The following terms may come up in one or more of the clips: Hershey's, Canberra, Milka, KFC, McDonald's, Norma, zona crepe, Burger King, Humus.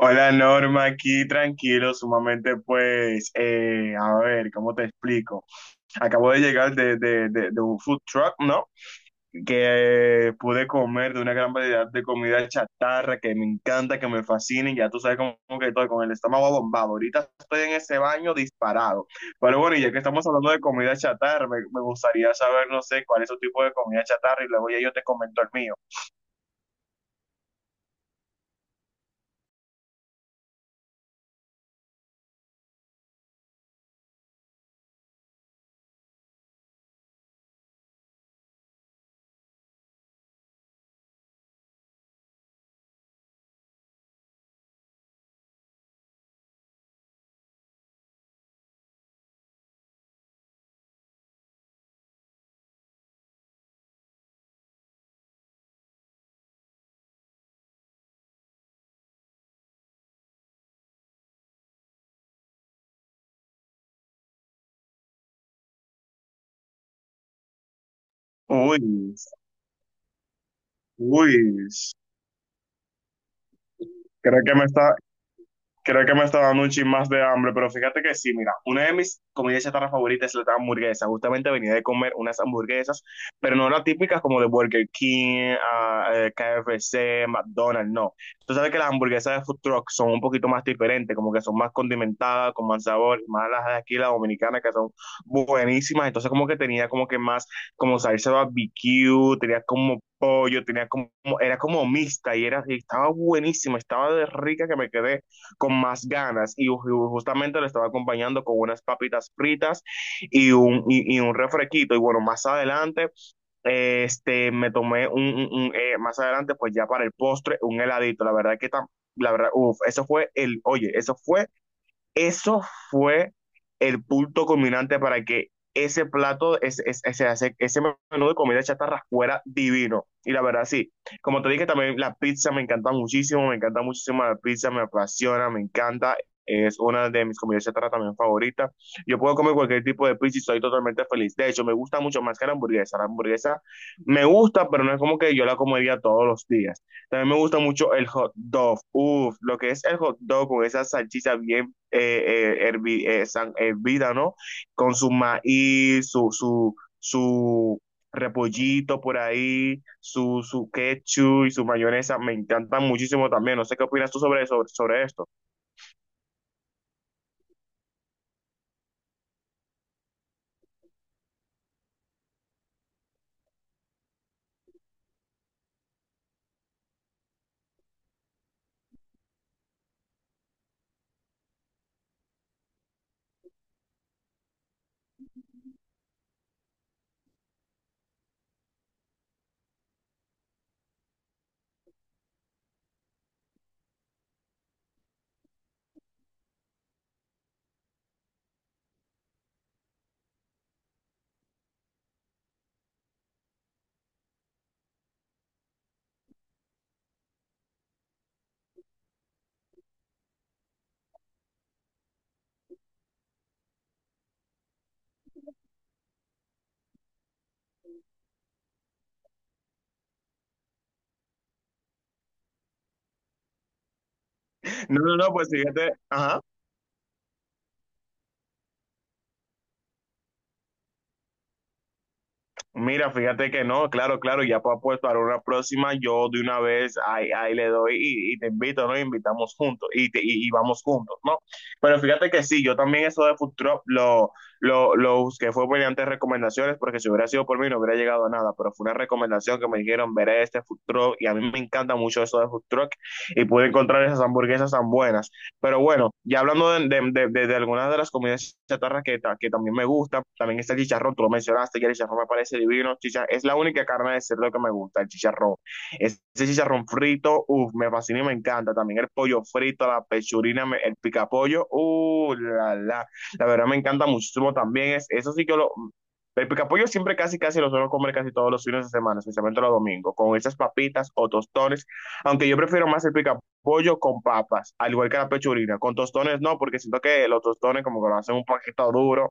Hola Norma, aquí tranquilo, sumamente pues, a ver, ¿cómo te explico? Acabo de llegar de un food truck, ¿no? Que Pude comer de una gran variedad de comida chatarra que me encanta, que me fascina y ya tú sabes cómo que estoy con el estómago bombado. Ahorita estoy en ese baño disparado. Pero bueno, y ya que estamos hablando de comida chatarra, me gustaría saber, no sé, cuál es tu tipo de comida chatarra y luego ya yo te comento el mío. Uy, uy, creo que me está, Creo que me está dando un chin más de hambre, pero fíjate que sí, mira, una de mis comidas chatarra favoritas es la hamburguesa. Justamente venía de comer unas hamburguesas, pero no las típicas como de Burger King, KFC, McDonald's, no. Tú sabes que las hamburguesas de food truck son un poquito más diferentes, como que son más condimentadas, con más sabor, más las de aquí, las dominicanas, que son buenísimas. Entonces como que tenía como que más, como salsa barbecue, tenía como pollo, era como mixta y estaba buenísima, estaba de rica que me quedé con más ganas y justamente le estaba acompañando con unas papitas fritas y un refresquito. Y bueno, más adelante este, me tomé un más adelante, pues ya para el postre, un heladito. La verdad que tam, la verdad, uff, eso fue el, oye, eso fue el punto culminante para que ese plato, ese menú de comida chatarra fuera divino. Y la verdad, sí, como te dije, también la pizza me encanta muchísimo la pizza, me apasiona, me encanta. Es una de mis comidas chatarra también favoritas. Yo puedo comer cualquier tipo de pizza y estoy totalmente feliz. De hecho, me gusta mucho más que la hamburguesa. La hamburguesa me gusta, pero no es como que yo la comería todos los días. También me gusta mucho el hot dog. Uf, lo que es el hot dog con esa salchicha bien hervida, ¿no? Con su maíz, su repollito por ahí, su ketchup y su mayonesa, me encantan muchísimo también. No sé qué opinas tú sobre esto. No, no, no, pues fíjate, ajá. Mira, fíjate que no, claro, claro, ya para pues, para una próxima, yo de una vez ahí, ahí le doy y te invito, ¿no? Y invitamos juntos y y vamos juntos, ¿no? Pero fíjate que sí, yo también eso de food truck lo busqué, fue mediante recomendaciones, porque si hubiera sido por mí no hubiera llegado a nada, pero fue una recomendación que me dijeron, veré este food truck y a mí me encanta mucho eso de food truck y pude encontrar esas hamburguesas tan buenas. Pero bueno, ya hablando de algunas de las comidas chatarras que también me gusta, también está el chicharrón, tú lo mencionaste, que el chicharrón me parece divino. Es la única carne de cerdo que me gusta, el chicharrón. Ese chicharrón frito, uff, me fascina y me encanta. También el pollo frito, la pechurina, el picapollo, la verdad me encanta muchísimo también. Es, eso sí que lo... El picapollo siempre casi casi lo suelo comer casi todos los fines de semana, especialmente los domingos, con esas papitas o tostones, aunque yo prefiero más el picapollo pollo con papas, al igual que la pechurina. Con tostones no, porque siento que los tostones como que lo hacen un poquito duro,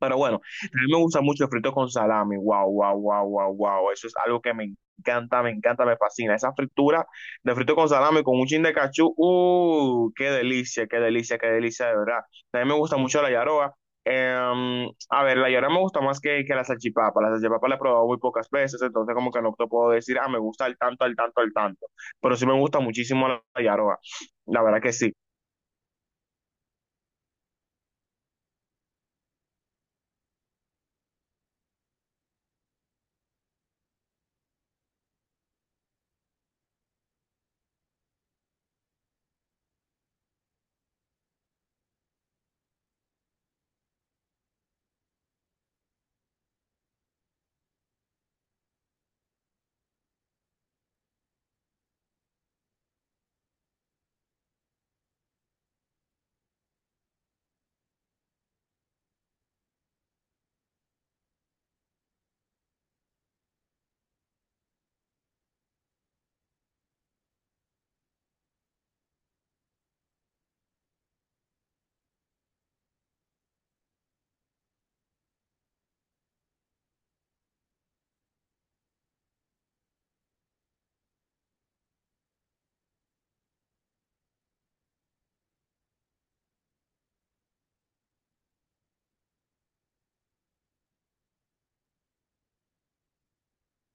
pero bueno, también me gusta mucho el frito con salami. Wow, wow, wow, wow, wow. Eso es algo que me encanta, me encanta, me fascina. Esa fritura de frito con salami con un chin de cachú. Qué delicia, qué delicia, qué delicia, de verdad. También me gusta mucho la yaroa. La yaroa me gusta más que la salchipapa. La salchipapa la he probado muy pocas veces, entonces como que no te puedo decir, ah, me gusta al tanto, al tanto, al tanto. Pero sí me gusta muchísimo la yaroa. La verdad que sí.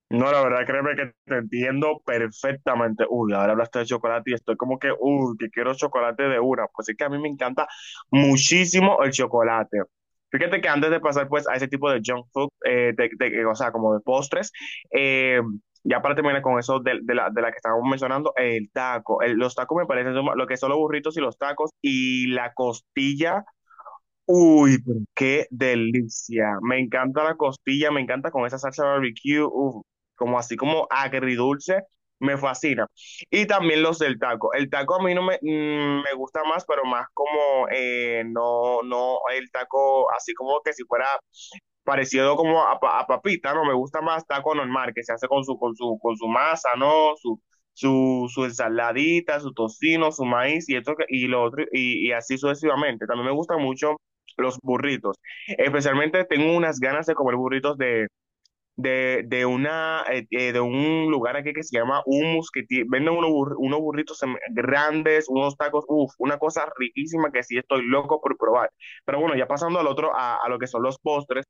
No, la verdad, créeme que te entiendo perfectamente. Uy, ahora hablaste de chocolate y estoy como que, uy, que quiero chocolate de una. Pues es que a mí me encanta muchísimo el chocolate. Fíjate que antes de pasar pues a ese tipo de junk food, o sea, como de postres, eh, ya para terminar con eso de la que estábamos mencionando, el taco. El- los tacos me parecen lo que son los burritos y los tacos y la costilla. Uy, pero qué delicia. Me encanta la costilla, me encanta con esa salsa barbecue, uf, como así como agridulce, me fascina. Y también los del taco. El taco a mí no me, mm, me gusta más, pero más como, no, no, el taco así como que si fuera parecido como a papita, ¿no? Me gusta más taco normal, que se hace con con su masa, ¿no? Su ensaladita, su tocino, su maíz y y lo otro, y así sucesivamente. También me gustan mucho los burritos. Especialmente tengo unas ganas de comer burritos de una, de un lugar aquí que se llama Humus, que venden unos burritos grandes, unos tacos, uff, una cosa riquísima que sí estoy loco por probar. Pero bueno, ya pasando al otro, a lo que son los postres.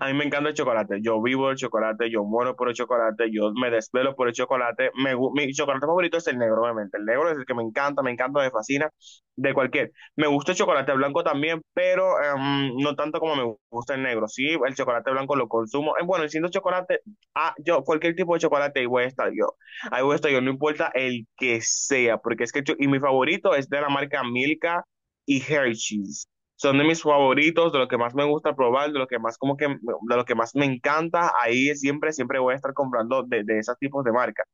A mí me encanta el chocolate. Yo vivo el chocolate, yo muero por el chocolate, yo me desvelo por el chocolate. Me mi chocolate favorito es el negro, obviamente. El negro es el que me encanta, me encanta, me fascina, de cualquier. Me gusta el chocolate blanco también, pero em, no tanto como me gusta el negro. Sí, el chocolate blanco lo consumo. Bueno, siendo chocolate, ah, yo, cualquier tipo de chocolate, ahí voy a estar yo. Ahí voy a estar yo, no importa el que sea, porque es que, y mi favorito es de la marca Milka y Hershey's. Son de mis favoritos, de lo que más me gusta probar, de lo que más como que, de lo que más me encanta. Ahí siempre, siempre voy a estar comprando de esos tipos de marcas.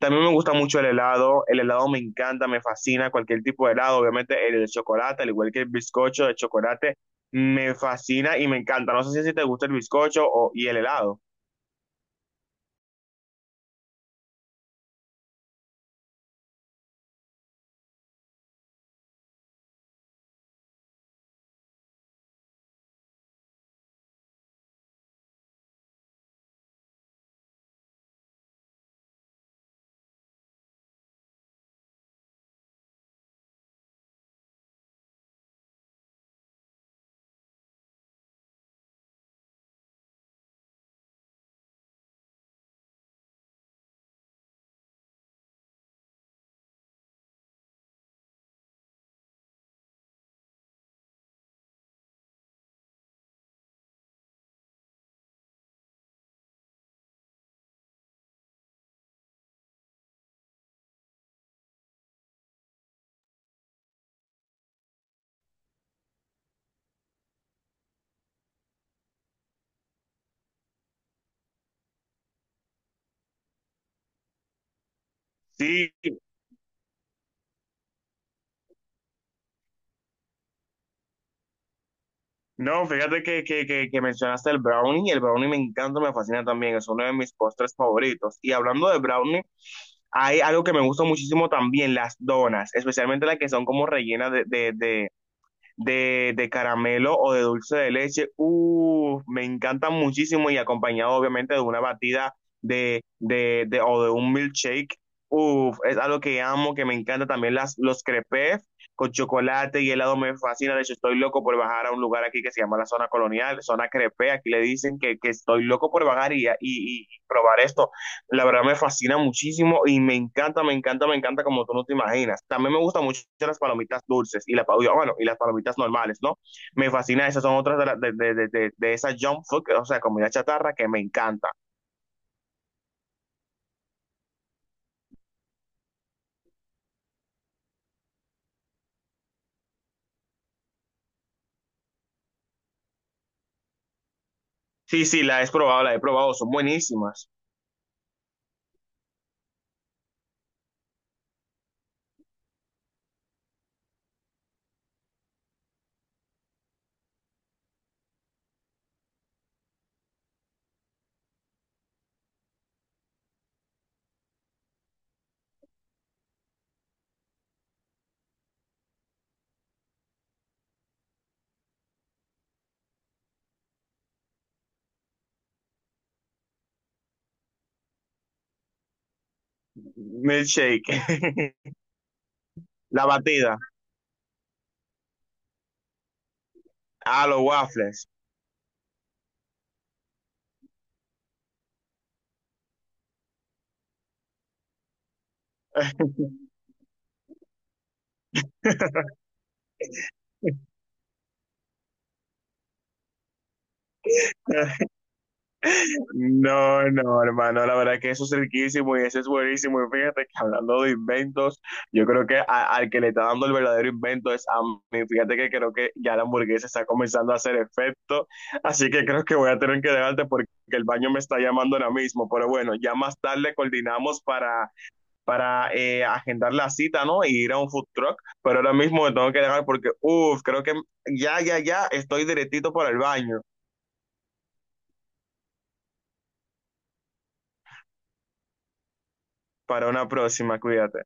También me gusta mucho el helado. El helado me encanta, me fascina. Cualquier tipo de helado, obviamente el de chocolate, al igual que el bizcocho de chocolate, me fascina y me encanta. No sé si a ti te gusta el bizcocho o, y el helado. Sí. No, fíjate que mencionaste el brownie me encanta, me fascina también, es uno de mis postres favoritos. Y hablando de brownie, hay algo que me gusta muchísimo también, las donas, especialmente las que son como rellenas de caramelo o de dulce de leche. Me encantan muchísimo y acompañado obviamente de una batida de o de un milkshake. Uf, es algo que amo, que me encanta también los crepes con chocolate y helado me fascina. De hecho, estoy loco por bajar a un lugar aquí que se llama la zona colonial, zona crepe. Aquí le dicen que estoy loco por bajar y probar esto. La verdad me fascina muchísimo y me encanta, me encanta, me encanta como tú no te imaginas. También me gustan mucho las palomitas dulces, bueno, y las palomitas normales, ¿no? Me fascina, esas son otras de, la- de esa junk food, o sea, comida chatarra que me encanta. Sí, sí, la he probado, son buenísimas. Milkshake, la batida, a los waffles. No, no, hermano, la verdad que eso es riquísimo y eso es buenísimo. Y fíjate que hablando de inventos, yo creo que al que le está dando el verdadero invento es a mí. Fíjate que creo que ya la hamburguesa está comenzando a hacer efecto, así que creo que voy a tener que dejarte porque el baño me está llamando ahora mismo. Pero bueno, ya más tarde coordinamos para agendar la cita, ¿no? Y ir a un food truck, pero ahora mismo me tengo que dejar porque, uff, creo que ya estoy directito para el baño. Para una próxima, cuídate.